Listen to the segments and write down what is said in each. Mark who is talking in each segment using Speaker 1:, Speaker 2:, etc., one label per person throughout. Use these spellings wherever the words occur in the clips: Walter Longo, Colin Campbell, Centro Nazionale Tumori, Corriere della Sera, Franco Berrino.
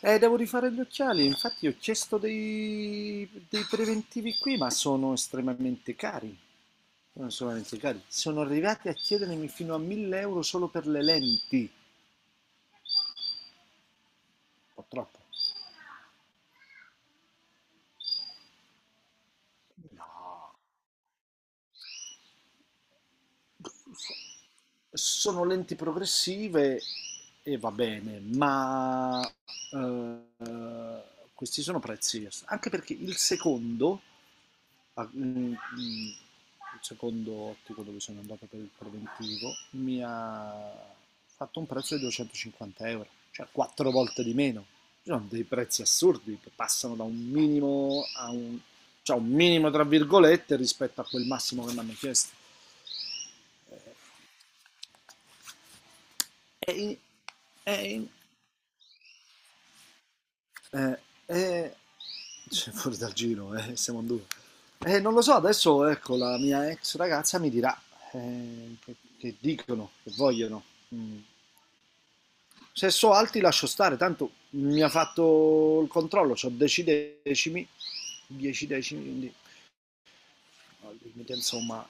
Speaker 1: Devo rifare gli occhiali, infatti ho chiesto dei preventivi qui, ma sono estremamente cari. Sono estremamente cari. Sono arrivati a chiedermi fino a 1000 euro solo per le lenti. Un po' troppo. No. Sono lenti progressive e va bene, ma eh, questi sono prezzi. Anche perché il secondo a- mm, mm, secondo ottico dove sono andato per il preventivo, mi ha fatto un prezzo di 250 euro, cioè quattro volte di meno. Ci sono dei prezzi assurdi che passano da un minimo a un, cioè un minimo tra virgolette rispetto a quel massimo che mi hanno chiesto. Eh, è in- è in- Eh, eh, cioè, fuori dal giro, siamo in due. Non lo so, adesso ecco, la mia ex ragazza mi dirà che dicono, che vogliono. Mm. Se so alti lascio stare, tanto mi ha fatto il controllo, ho decimi, 10 decimi, quindi al limite, insomma.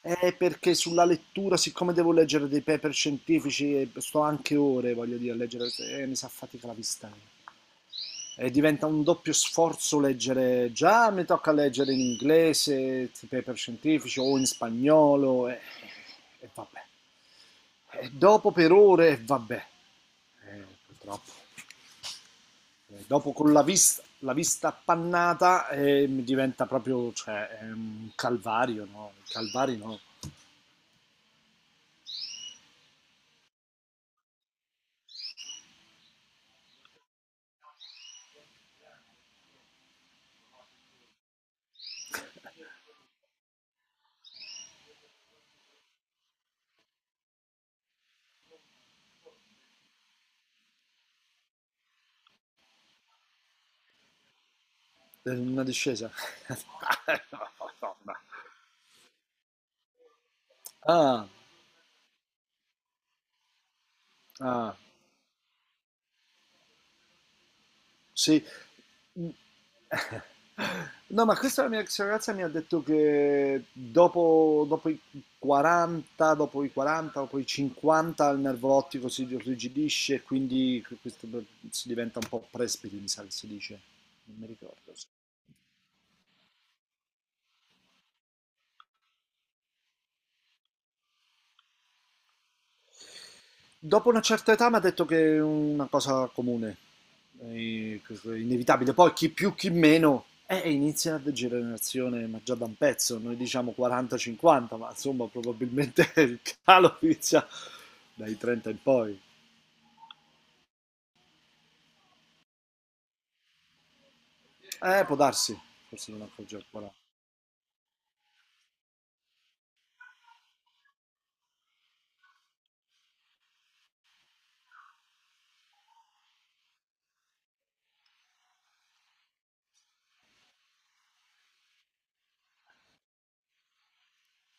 Speaker 1: È perché sulla lettura, siccome devo leggere dei paper scientifici, e sto anche ore, voglio dire, a leggere, mi si affatica la vista. E diventa un doppio sforzo leggere, già mi tocca leggere in inglese, i paper scientifici o in spagnolo e vabbè. E dopo per ore e vabbè. Purtroppo. Dopo con la vista appannata mi diventa proprio, cioè, è un calvario, no? Calvario no, è una discesa. No, no, no. Ah, ah. Sì. Mh. No, ma questa la mia ex ragazza mi ha detto che dopo i 40, dopo i 40, dopo i 50 il nervo ottico si irrigidisce e quindi si diventa un po' presbite, mi sa che si dice. Non mi ricordo. Sì. Dopo una certa età mi ha detto che è una cosa comune, che è inevitabile. Poi chi più, chi meno, inizia la generazione, ma già da un pezzo, noi diciamo 40-50, ma insomma probabilmente il calo inizia dai 30 in poi. Può darsi, forse non accorge al 40.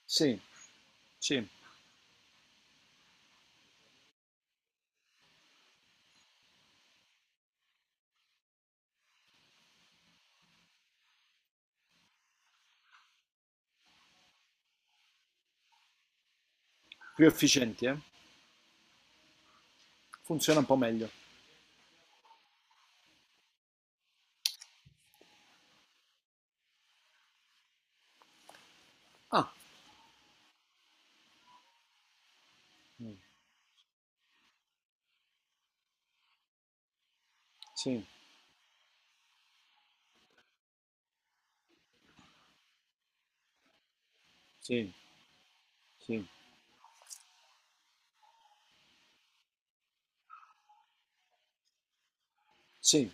Speaker 1: Sì, sì, più efficienti, eh. Funziona un po' meglio. Ah, mm, sì, sì, sì, sì.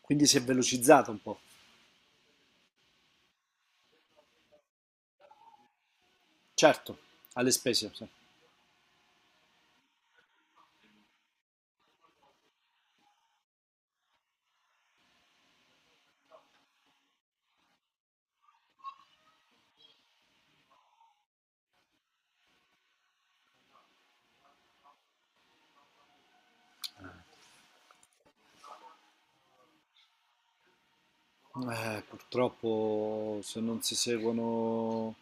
Speaker 1: Quindi si è velocizzata un po'. Certo, alle spese, sì. Purtroppo se non si seguono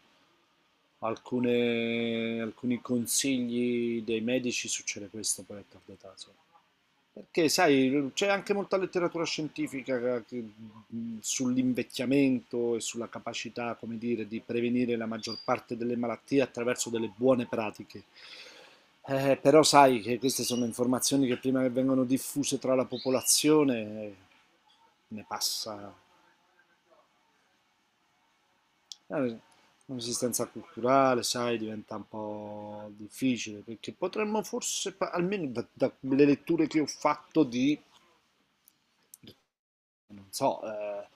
Speaker 1: alcuni consigli dei medici succede questo poi a tarda età, sì. Perché sai, c'è anche molta letteratura scientifica sull'invecchiamento e sulla capacità, come dire, di prevenire la maggior parte delle malattie attraverso delle buone pratiche. Però sai che queste sono informazioni che prima che vengono diffuse tra la popolazione ne passa. Eh, Un'esistenza culturale, sai, diventa un po' difficile perché potremmo forse, almeno dalle letture che ho fatto di, non so, eh,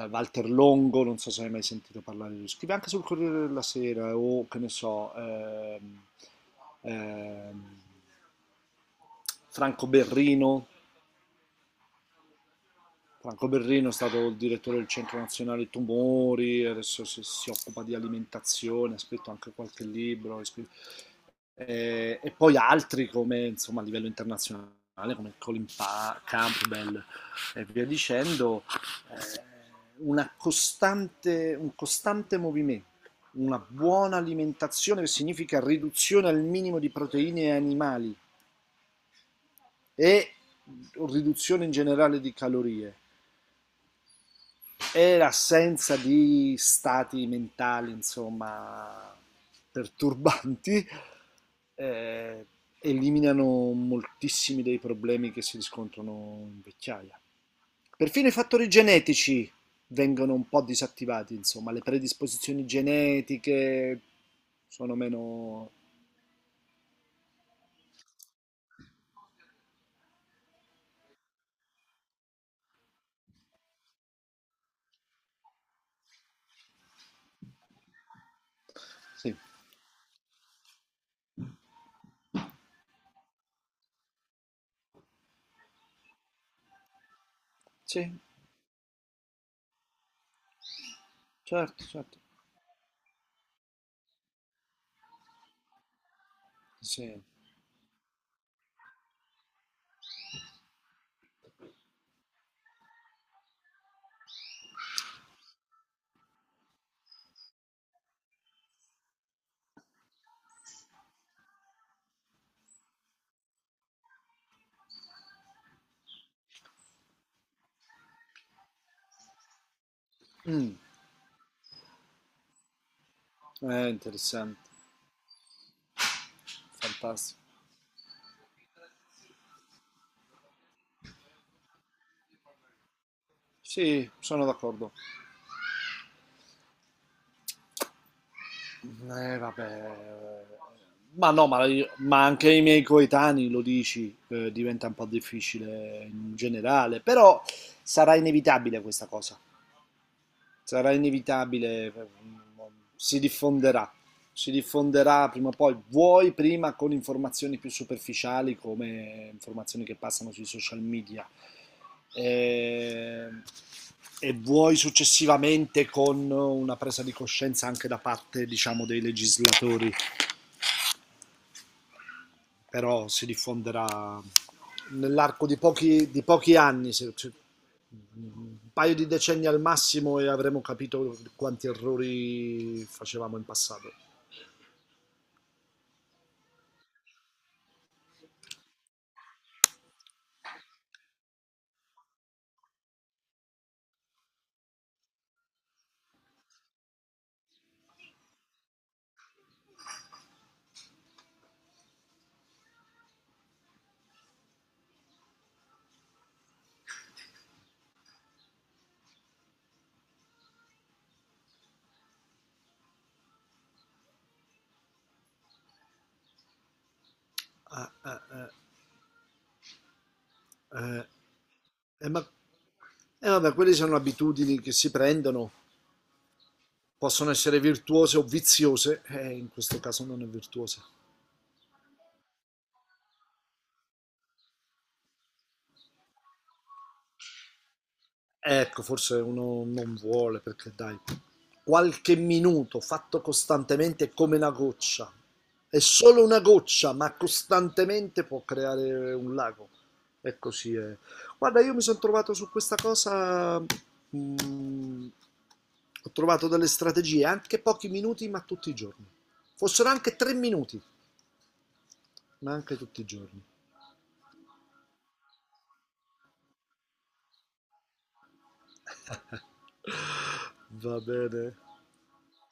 Speaker 1: eh, Walter Longo, non so se hai mai sentito parlare di lui, scrive anche sul Corriere della Sera o che ne so, ehm, Franco Berrino, Franco Berrino è stato il direttore del Centro Nazionale Tumori, adesso si occupa di alimentazione, ha scritto anche qualche libro, e poi altri come insomma a livello internazionale come Colin Campbell e via dicendo, eh, una costante, un costante movimento, una buona alimentazione che significa riduzione al minimo di proteine animali e riduzione in generale di calorie è l'assenza di stati mentali, insomma, perturbanti, eh, eliminano moltissimi dei problemi che si riscontrano in vecchiaia. Perfino i fattori genetici vengono un po' disattivati, insomma, le predisposizioni genetiche sono meno... Sì, sì, certo, certo, sì. Mm, è interessante, fantastico. Sì, sono d'accordo. Vabbè. Ma no, ma anche i miei coetanei lo dici, diventa un po' difficile in generale, però sarà inevitabile questa cosa sarà inevitabile, si diffonderà, si diffonderà prima o poi, vuoi prima con informazioni più superficiali come informazioni che passano sui social media e, e vuoi successivamente con una presa di coscienza anche da parte diciamo, dei legislatori però si diffonderà nell'arco di di pochi anni, un paio di decenni al massimo e avremo capito quanti errori facevamo in passato. Ah, ah, ah, eh, ma vabbè, quelle sono abitudini che si prendono, possono essere virtuose o viziose, in questo caso non è virtuosa. Ecco, forse uno non vuole perché dai, qualche minuto fatto costantemente è come una goccia. È solo una goccia, ma costantemente può creare un lago. E così è. Guarda, io mi sono trovato su questa cosa. mm, Ho trovato delle strategie, anche pochi minuti, ma tutti i giorni. Fossero anche 3 minuti, ma anche tutti i giorni. Va bene.